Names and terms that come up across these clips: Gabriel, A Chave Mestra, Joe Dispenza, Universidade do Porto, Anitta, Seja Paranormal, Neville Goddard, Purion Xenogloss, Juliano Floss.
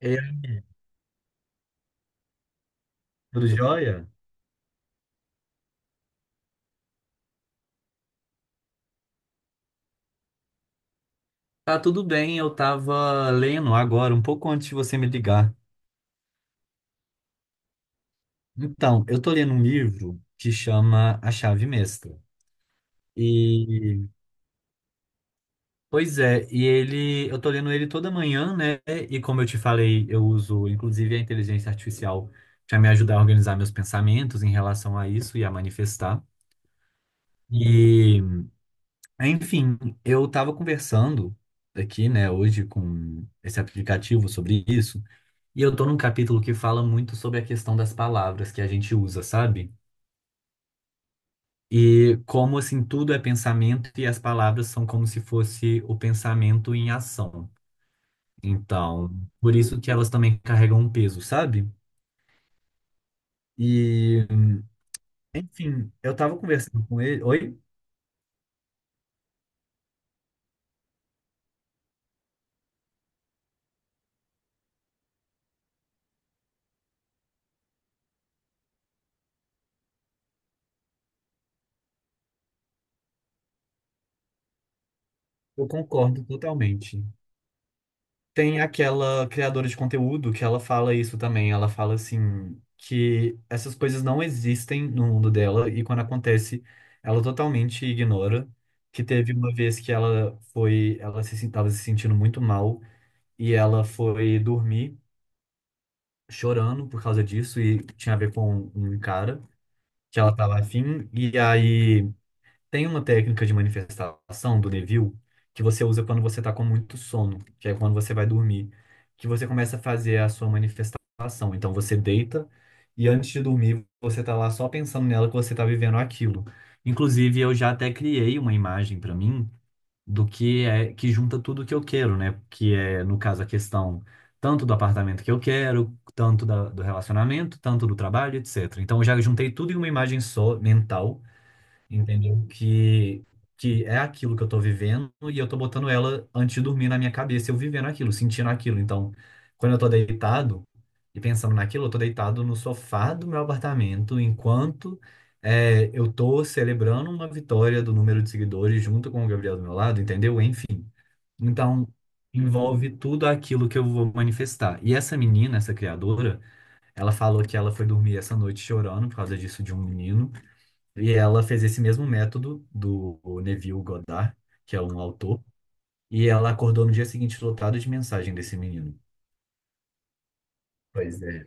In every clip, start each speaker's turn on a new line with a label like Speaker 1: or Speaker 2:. Speaker 1: Ei, tudo jóia? Tá tudo bem, eu tava lendo agora, um pouco antes de você me ligar. Então, eu tô lendo um livro que chama A Chave Mestra. E, pois é, e ele, eu tô lendo ele toda manhã, né? E como eu te falei, eu uso inclusive a inteligência artificial para me ajudar a organizar meus pensamentos em relação a isso e a manifestar. E, enfim, eu estava conversando aqui, né, hoje com esse aplicativo sobre isso. E eu tô num capítulo que fala muito sobre a questão das palavras que a gente usa, sabe? E como assim tudo é pensamento e as palavras são como se fosse o pensamento em ação. Então, por isso que elas também carregam um peso, sabe? E, enfim, eu tava conversando com ele. Oi? Eu concordo totalmente. Tem aquela criadora de conteúdo que ela fala isso também. Ela fala assim que essas coisas não existem no mundo dela e quando acontece, ela totalmente ignora. Que teve uma vez que ela foi, ela se estava se sentindo muito mal e ela foi dormir chorando por causa disso e tinha a ver com um cara que ela estava afim e aí tem uma técnica de manifestação do Neville que você usa quando você está com muito sono, que é quando você vai dormir, que você começa a fazer a sua manifestação. Então você deita e antes de dormir você está lá só pensando nela que você está vivendo aquilo. Inclusive eu já até criei uma imagem para mim do que é que junta tudo que eu quero, né? Que é no caso a questão tanto do apartamento que eu quero, tanto do relacionamento, tanto do trabalho, etc. Então eu já juntei tudo em uma imagem só mental, entendeu? Que é aquilo que eu tô vivendo e eu tô botando ela antes de dormir na minha cabeça, eu vivendo aquilo, sentindo aquilo. Então, quando eu tô deitado e pensando naquilo, eu tô deitado no sofá do meu apartamento enquanto é, eu tô celebrando uma vitória do número de seguidores junto com o Gabriel do meu lado, entendeu? Enfim. Então, envolve tudo aquilo que eu vou manifestar. E essa menina, essa criadora, ela falou que ela foi dormir essa noite chorando por causa disso de um menino. E ela fez esse mesmo método do Neville Goddard, que é um autor, e ela acordou no dia seguinte lotada de mensagem desse menino. Pois é.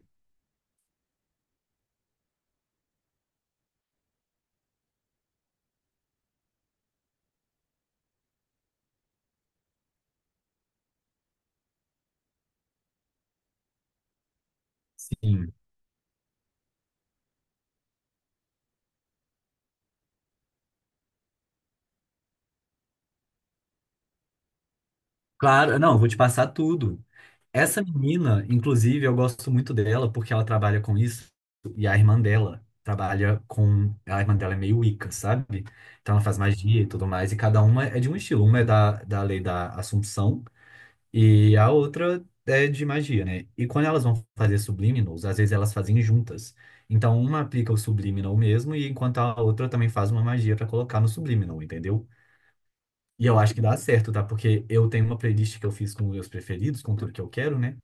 Speaker 1: Sim. Claro, não, eu vou te passar tudo. Essa menina, inclusive, eu gosto muito dela porque ela trabalha com isso e a irmã dela trabalha com. A irmã dela é meio Wicca, sabe? Então ela faz magia e tudo mais, e cada uma é de um estilo. Uma é da lei da Assunção. E a outra é de magia, né? E quando elas vão fazer subliminals, às vezes elas fazem juntas. Então uma aplica o subliminal mesmo, e enquanto a outra também faz uma magia pra colocar no subliminal, entendeu? E eu acho que dá certo, tá? Porque eu tenho uma playlist que eu fiz com meus preferidos, com tudo que eu quero, né?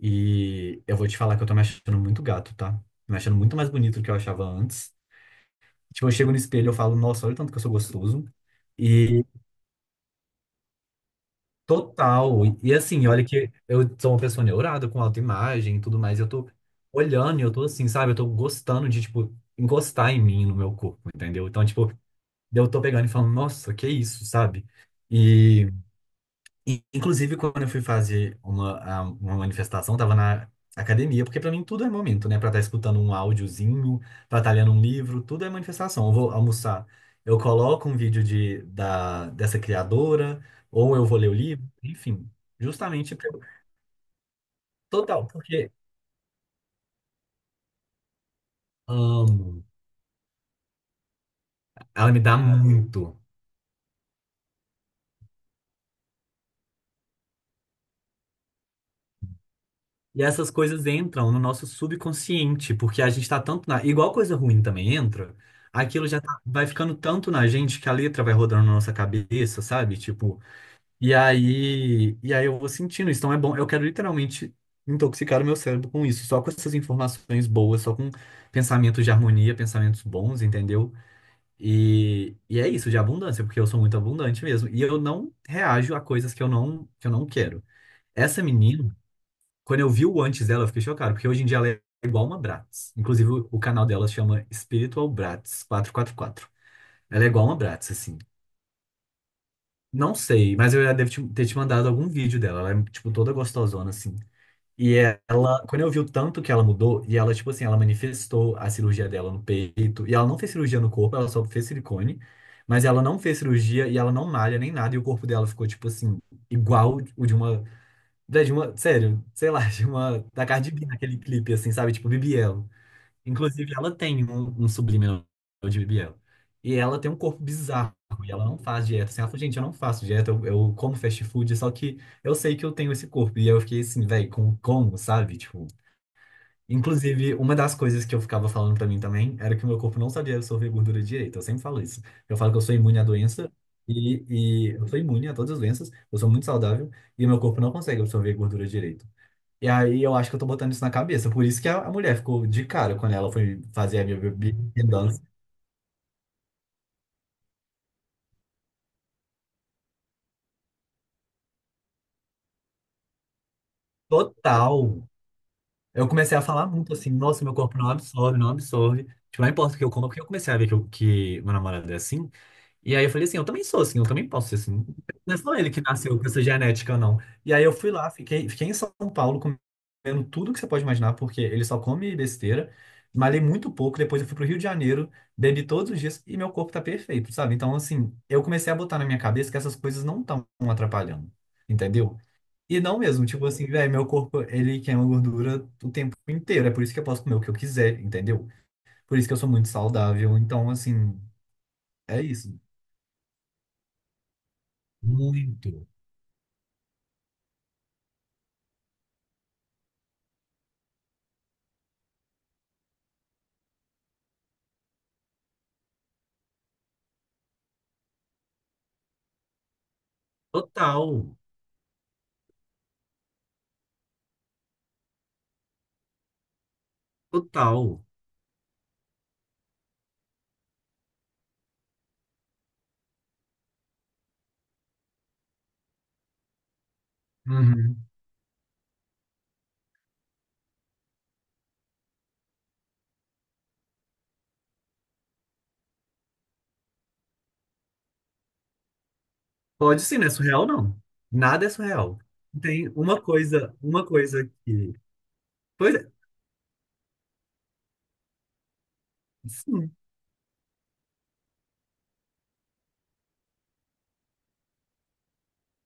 Speaker 1: E eu vou te falar que eu tô me achando muito gato, tá? Me achando muito mais bonito do que eu achava antes. Tipo, eu chego no espelho e eu falo, nossa, olha o tanto que eu sou gostoso. E total. Assim, olha que eu sou uma pessoa neurada com autoimagem e tudo mais. Eu tô olhando e eu tô assim, sabe? Eu tô gostando de, tipo, encostar em mim, no meu corpo, entendeu? Então, tipo, eu tô pegando e falando, nossa, que isso, sabe? E, inclusive, quando eu fui fazer uma, uma manifestação, tava na academia, porque para mim tudo é momento, né? Para estar escutando um áudiozinho, para estar lendo um livro, tudo é manifestação. Eu vou almoçar, eu coloco um vídeo dessa criadora, ou eu vou ler o livro, enfim, justamente pra, total, porque amo. Ela me dá muito. E essas coisas entram no nosso subconsciente, porque a gente tá tanto na. Igual coisa ruim também entra, aquilo já vai ficando tanto na gente que a letra vai rodando na nossa cabeça, sabe? Tipo, e aí eu vou sentindo isso. Então é bom, eu quero literalmente intoxicar o meu cérebro com isso, só com essas informações boas, só com pensamentos de harmonia, pensamentos bons, entendeu? E é isso, de abundância, porque eu sou muito abundante mesmo. E eu não reajo a coisas que eu não quero. Essa menina. Quando eu vi o antes dela, eu fiquei chocado, porque hoje em dia ela é igual uma Bratz. Inclusive, o canal dela chama Spiritual Bratz 444. Ela é igual uma Bratz, assim. Não sei, mas eu já devo ter te mandado algum vídeo dela. Ela é, tipo, toda gostosona, assim. E ela, quando eu vi o tanto que ela mudou, e ela, tipo assim, ela manifestou a cirurgia dela no peito, e ela não fez cirurgia no corpo, ela só fez silicone, mas ela não fez cirurgia e ela não malha nem nada, e o corpo dela ficou, tipo assim, igual o de uma da de uma sério, sei lá, de uma da Cardi B naquele clipe, assim, sabe? Tipo, Bibi Elo. Inclusive, ela tem um subliminal de Bibi Elo. E ela tem um corpo bizarro, e ela não faz dieta. Assim, ela falou, gente, eu não faço dieta, eu como fast food, só que eu sei que eu tenho esse corpo. E eu fiquei assim, velho, com como, sabe? Tipo, inclusive, uma das coisas que eu ficava falando pra mim também era que o meu corpo não sabia absorver gordura direito. Eu sempre falo isso. Eu falo que eu sou imune à doença. E eu sou imune a todas as doenças, eu sou muito saudável e o meu corpo não consegue absorver gordura direito. E aí eu acho que eu tô botando isso na cabeça. Por isso que a mulher ficou de cara quando ela foi fazer a minha. Total. Eu comecei a falar muito assim, nossa, meu corpo não absorve, não absorve. Tipo, não importa o que eu como, porque eu comecei a ver que, que meu namorado é assim. E aí eu falei assim, eu também sou assim, eu também posso ser assim. Não é só ele que nasceu com essa genética, não. E aí eu fui lá, fiquei em São Paulo comendo tudo que você pode imaginar, porque ele só come besteira. Malhei muito pouco, depois eu fui pro Rio de Janeiro, bebi todos os dias e meu corpo tá perfeito, sabe? Então, assim, eu comecei a botar na minha cabeça que essas coisas não estão atrapalhando, entendeu? E não mesmo, tipo assim, velho, meu corpo, ele queima gordura o tempo inteiro, é por isso que eu posso comer o que eu quiser, entendeu? Por isso que eu sou muito saudável, então, assim, é isso. Muito. Total, total. Uhum. Pode sim, não é surreal, não. Nada é surreal. Tem uma coisa que. Pois é, sim.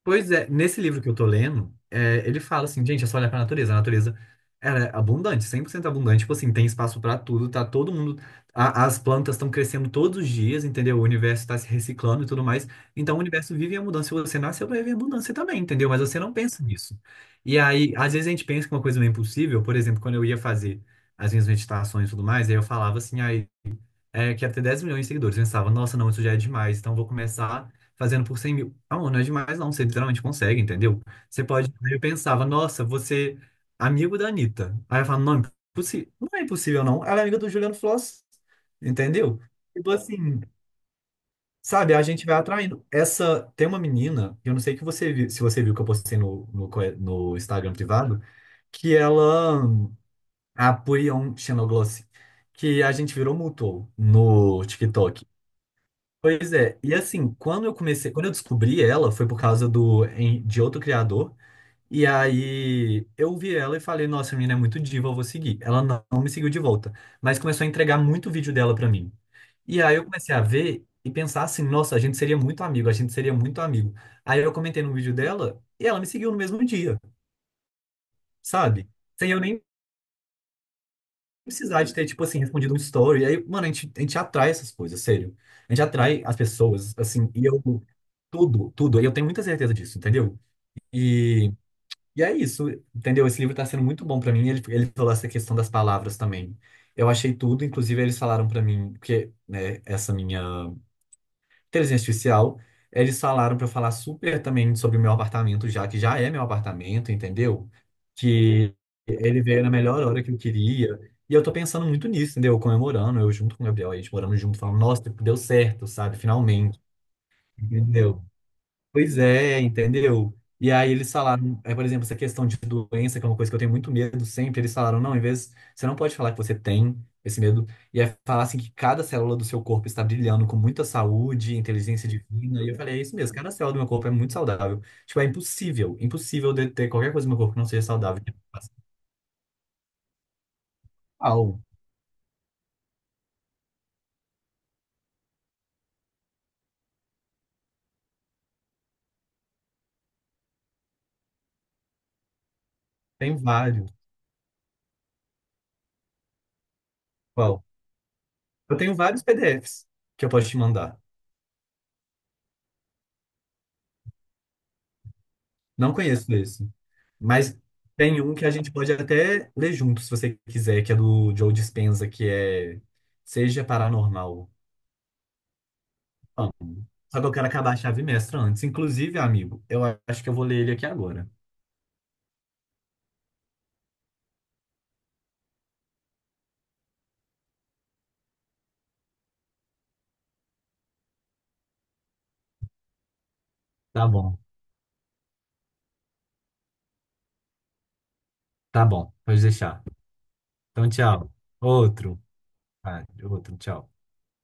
Speaker 1: Pois é, nesse livro que eu tô lendo, é, ele fala assim, gente, é só olhar pra natureza. A natureza, ela é abundante, 100% abundante. Tipo assim, tem espaço pra tudo, tá todo mundo... as plantas estão crescendo todos os dias, entendeu? O universo tá se reciclando e tudo mais. Então, o universo vive a mudança. Se você nasceu pra viver a mudança também, entendeu? Mas você não pensa nisso. E aí, às vezes a gente pensa que uma coisa não é impossível. Por exemplo, quando eu ia fazer as minhas meditações e tudo mais, aí eu falava assim, ah, é, quero ter 10 milhões de seguidores. Eu pensava, nossa, não, isso já é demais, então eu vou começar fazendo por 100 mil. Não, não é demais, não, você literalmente consegue, entendeu? Você pode. Aí eu pensava, nossa, você amigo da Anitta. Aí eu falava, não, não é impossível, não. Ela é amiga do Juliano Floss, entendeu? Tipo assim, sabe, a gente vai atraindo. Essa, tem uma menina, eu não sei que você viu, se você viu que eu postei no Instagram privado, que ela, a Purion Xenogloss, que a gente virou mutual no TikTok. Pois é, e assim, quando eu comecei, quando eu descobri ela, foi por causa de outro criador. E aí eu vi ela e falei, nossa, a menina é muito diva, eu vou seguir. Ela não me seguiu de volta, mas começou a entregar muito vídeo dela pra mim. E aí eu comecei a ver e pensar assim, nossa, a gente seria muito amigo, a gente seria muito amigo. Aí eu comentei no vídeo dela e ela me seguiu no mesmo dia, sabe? Sem eu nem precisar de ter, tipo assim, respondido um story. Aí, mano, a gente atrai essas coisas, sério. A gente atrai as pessoas, assim, e eu, tudo, tudo. E eu tenho muita certeza disso, entendeu? E, e é isso, entendeu? Esse livro tá sendo muito bom pra mim. Ele falou essa questão das palavras também. Eu achei tudo, inclusive eles falaram pra mim, porque, né, essa minha inteligência artificial, eles falaram para eu falar super também sobre o meu apartamento, já que já é meu apartamento, entendeu? Que ele veio na melhor hora que eu queria. E eu tô pensando muito nisso, entendeu? Comemorando, eu junto com o Gabriel, a gente morando junto, falando, nossa, tipo, deu certo, sabe? Finalmente, entendeu? Pois é, entendeu? E aí eles falaram, é, por exemplo, essa questão de doença, que é uma coisa que eu tenho muito medo sempre, eles falaram, não, em vez, você não pode falar que você tem esse medo, e é falar assim que cada célula do seu corpo está brilhando com muita saúde, inteligência divina, e eu falei, é isso mesmo, cada célula do meu corpo é muito saudável. Tipo, é impossível, impossível de ter qualquer coisa no meu corpo que não seja saudável. Uau, tem vários. Qual? Eu tenho vários PDFs que eu posso te mandar. Não conheço esse. Mas tem um que a gente pode até ler junto, se você quiser, que é do Joe Dispenza, que é Seja Paranormal. Amo. Só que eu quero acabar a chave mestra antes. Inclusive, amigo, eu acho que eu vou ler ele aqui agora. Tá bom, tá bom, pode deixar. Então, tchau. Outro. Ah, outro, tchau.